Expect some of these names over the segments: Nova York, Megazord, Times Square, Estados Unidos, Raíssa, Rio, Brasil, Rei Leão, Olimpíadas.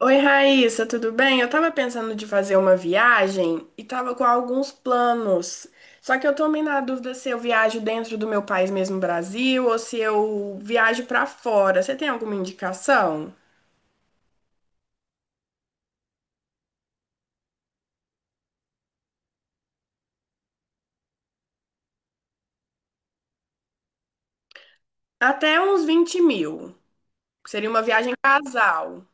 Oi, Raíssa, tudo bem? Eu tava pensando de fazer uma viagem e tava com alguns planos. Só que eu tô meio na dúvida se eu viajo dentro do meu país mesmo, Brasil, ou se eu viajo pra fora. Você tem alguma indicação? Até uns 20.000. Seria uma viagem casal.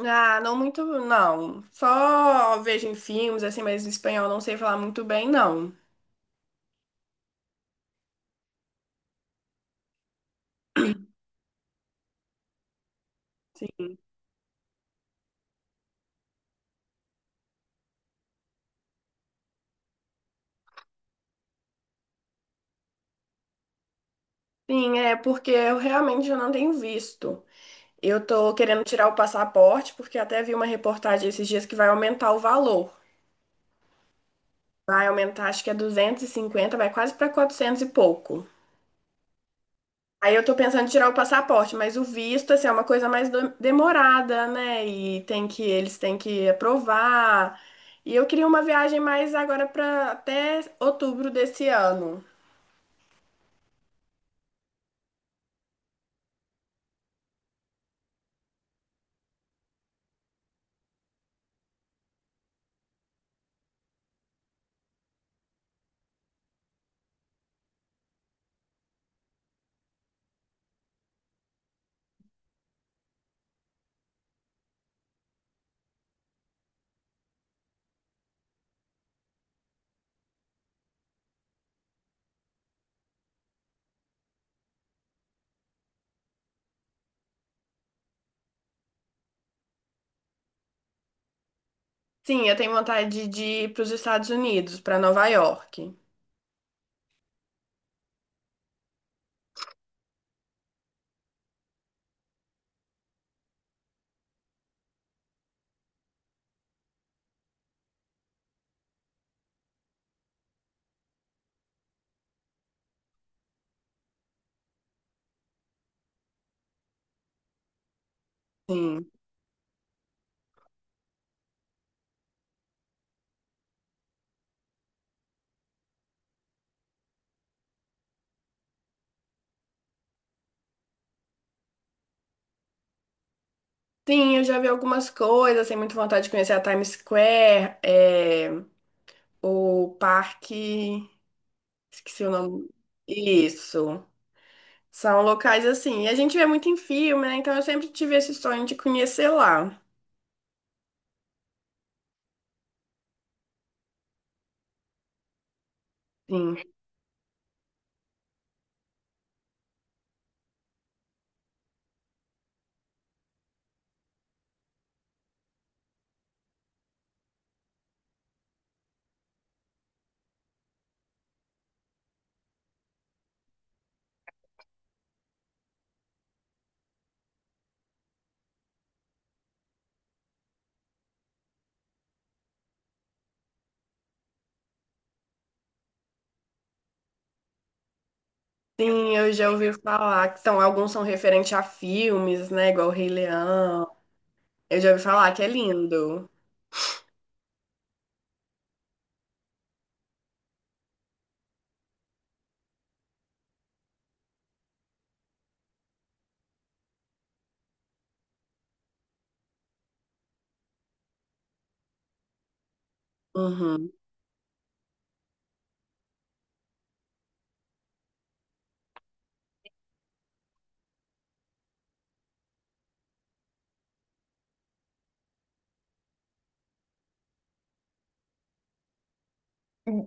Ah, não muito, não. Só vejo em filmes, assim, mas espanhol não sei falar muito bem, não. Sim, é porque eu realmente já não tenho visto. Eu tô querendo tirar o passaporte, porque até vi uma reportagem esses dias que vai aumentar o valor. Vai aumentar, acho que é 250, vai quase para 400 e pouco. Aí eu tô pensando em tirar o passaporte, mas o visto, assim, é uma coisa mais demorada, né? E tem que, eles têm que aprovar. E eu queria uma viagem mais agora para até outubro desse ano. Sim, eu tenho vontade de ir para os Estados Unidos, para Nova York. Sim. Sim, eu já vi algumas coisas, tenho muita vontade de conhecer a Times Square, é, o parque, esqueci o nome. Isso. São locais assim. E a gente vê muito em filme, né? Então eu sempre tive esse sonho de conhecer lá. Sim. Sim, eu já ouvi falar que são, alguns são referentes a filmes, né? Igual o Rei Leão. Eu já ouvi falar que é lindo. Uhum.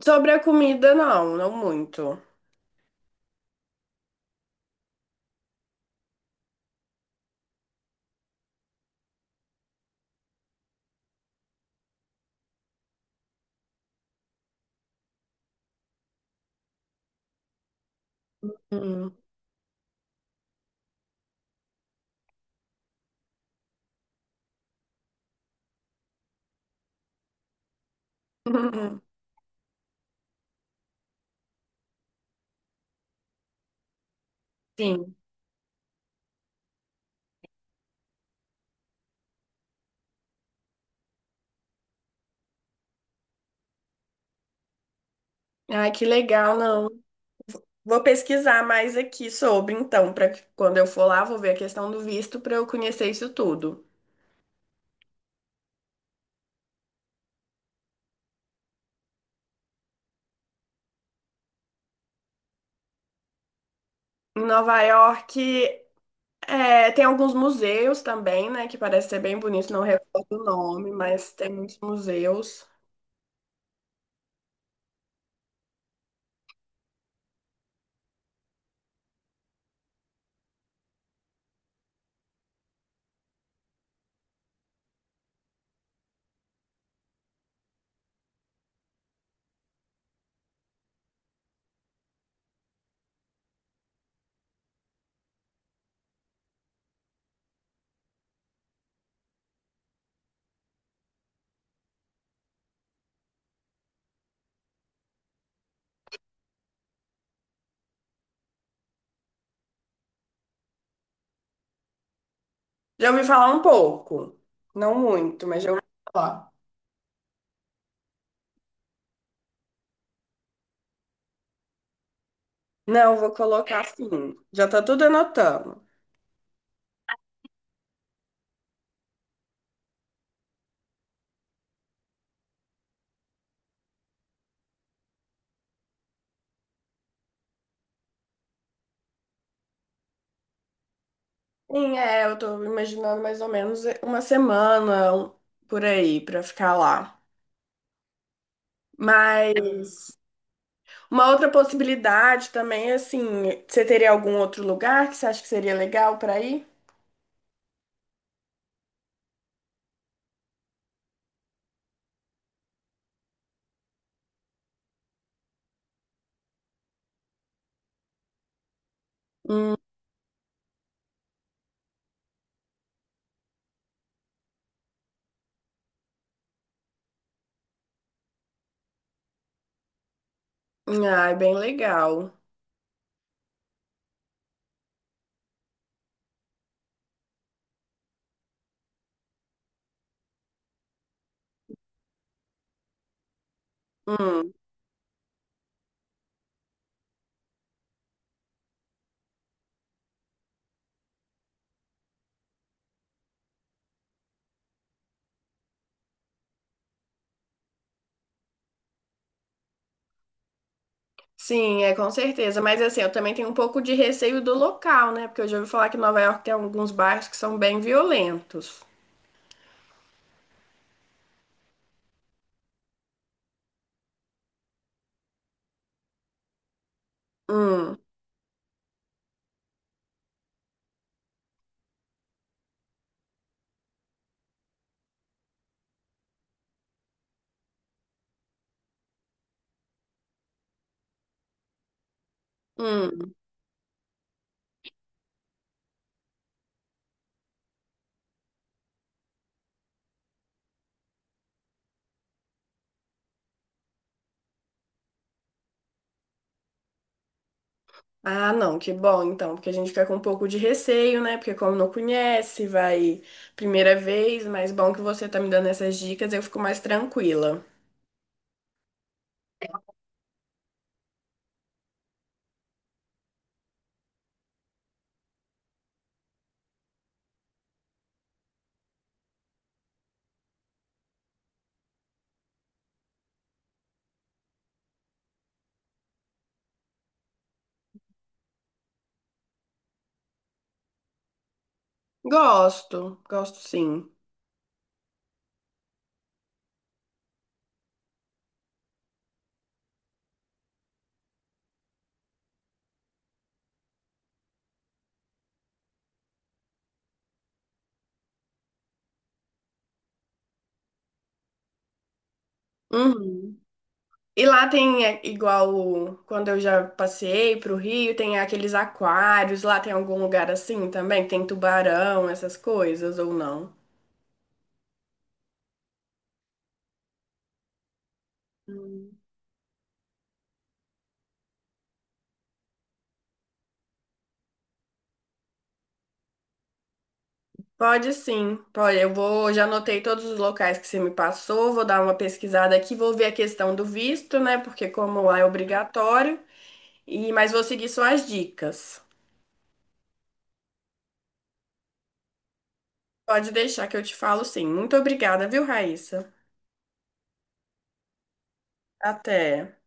Sobre a comida, não, não muito. Uhum. Sim. Ai, que legal, não. Vou pesquisar mais aqui sobre, então, para quando eu for lá, vou ver a questão do visto para eu conhecer isso tudo. Em Nova York, é, tem alguns museus também, né, que parece ser bem bonito, não recordo o nome, mas tem muitos museus. Já ouvi falar um pouco, não muito, mas já ouvi falar. Não, vou colocar assim. Já tá tudo anotando. Sim, é, eu tô imaginando mais ou menos uma semana por aí para ficar lá. Mas uma outra possibilidade também, assim, você teria algum outro lugar que você acha que seria legal para ir? Hum, ah, é bem legal. Hum, sim, é com certeza. Mas assim, eu também tenho um pouco de receio do local, né? Porque eu já ouvi falar que Nova York tem alguns bairros que são bem violentos. Hum, hum. Ah, não, que bom então, porque a gente fica com um pouco de receio, né? Porque como não conhece, vai primeira vez, mas bom que você tá me dando essas dicas, eu fico mais tranquila. Gosto, gosto sim. Uhum. E lá tem, é, igual quando eu já passei pro Rio, tem aqueles aquários, lá tem algum lugar assim também, que tem tubarão, essas coisas, ou não? Hum. Pode sim, pode. Eu vou, já anotei todos os locais que você me passou, vou dar uma pesquisada aqui, vou ver a questão do visto, né? Porque como lá é obrigatório, e mas vou seguir só as dicas. Pode deixar que eu te falo sim. Muito obrigada, viu, Raíssa? Até.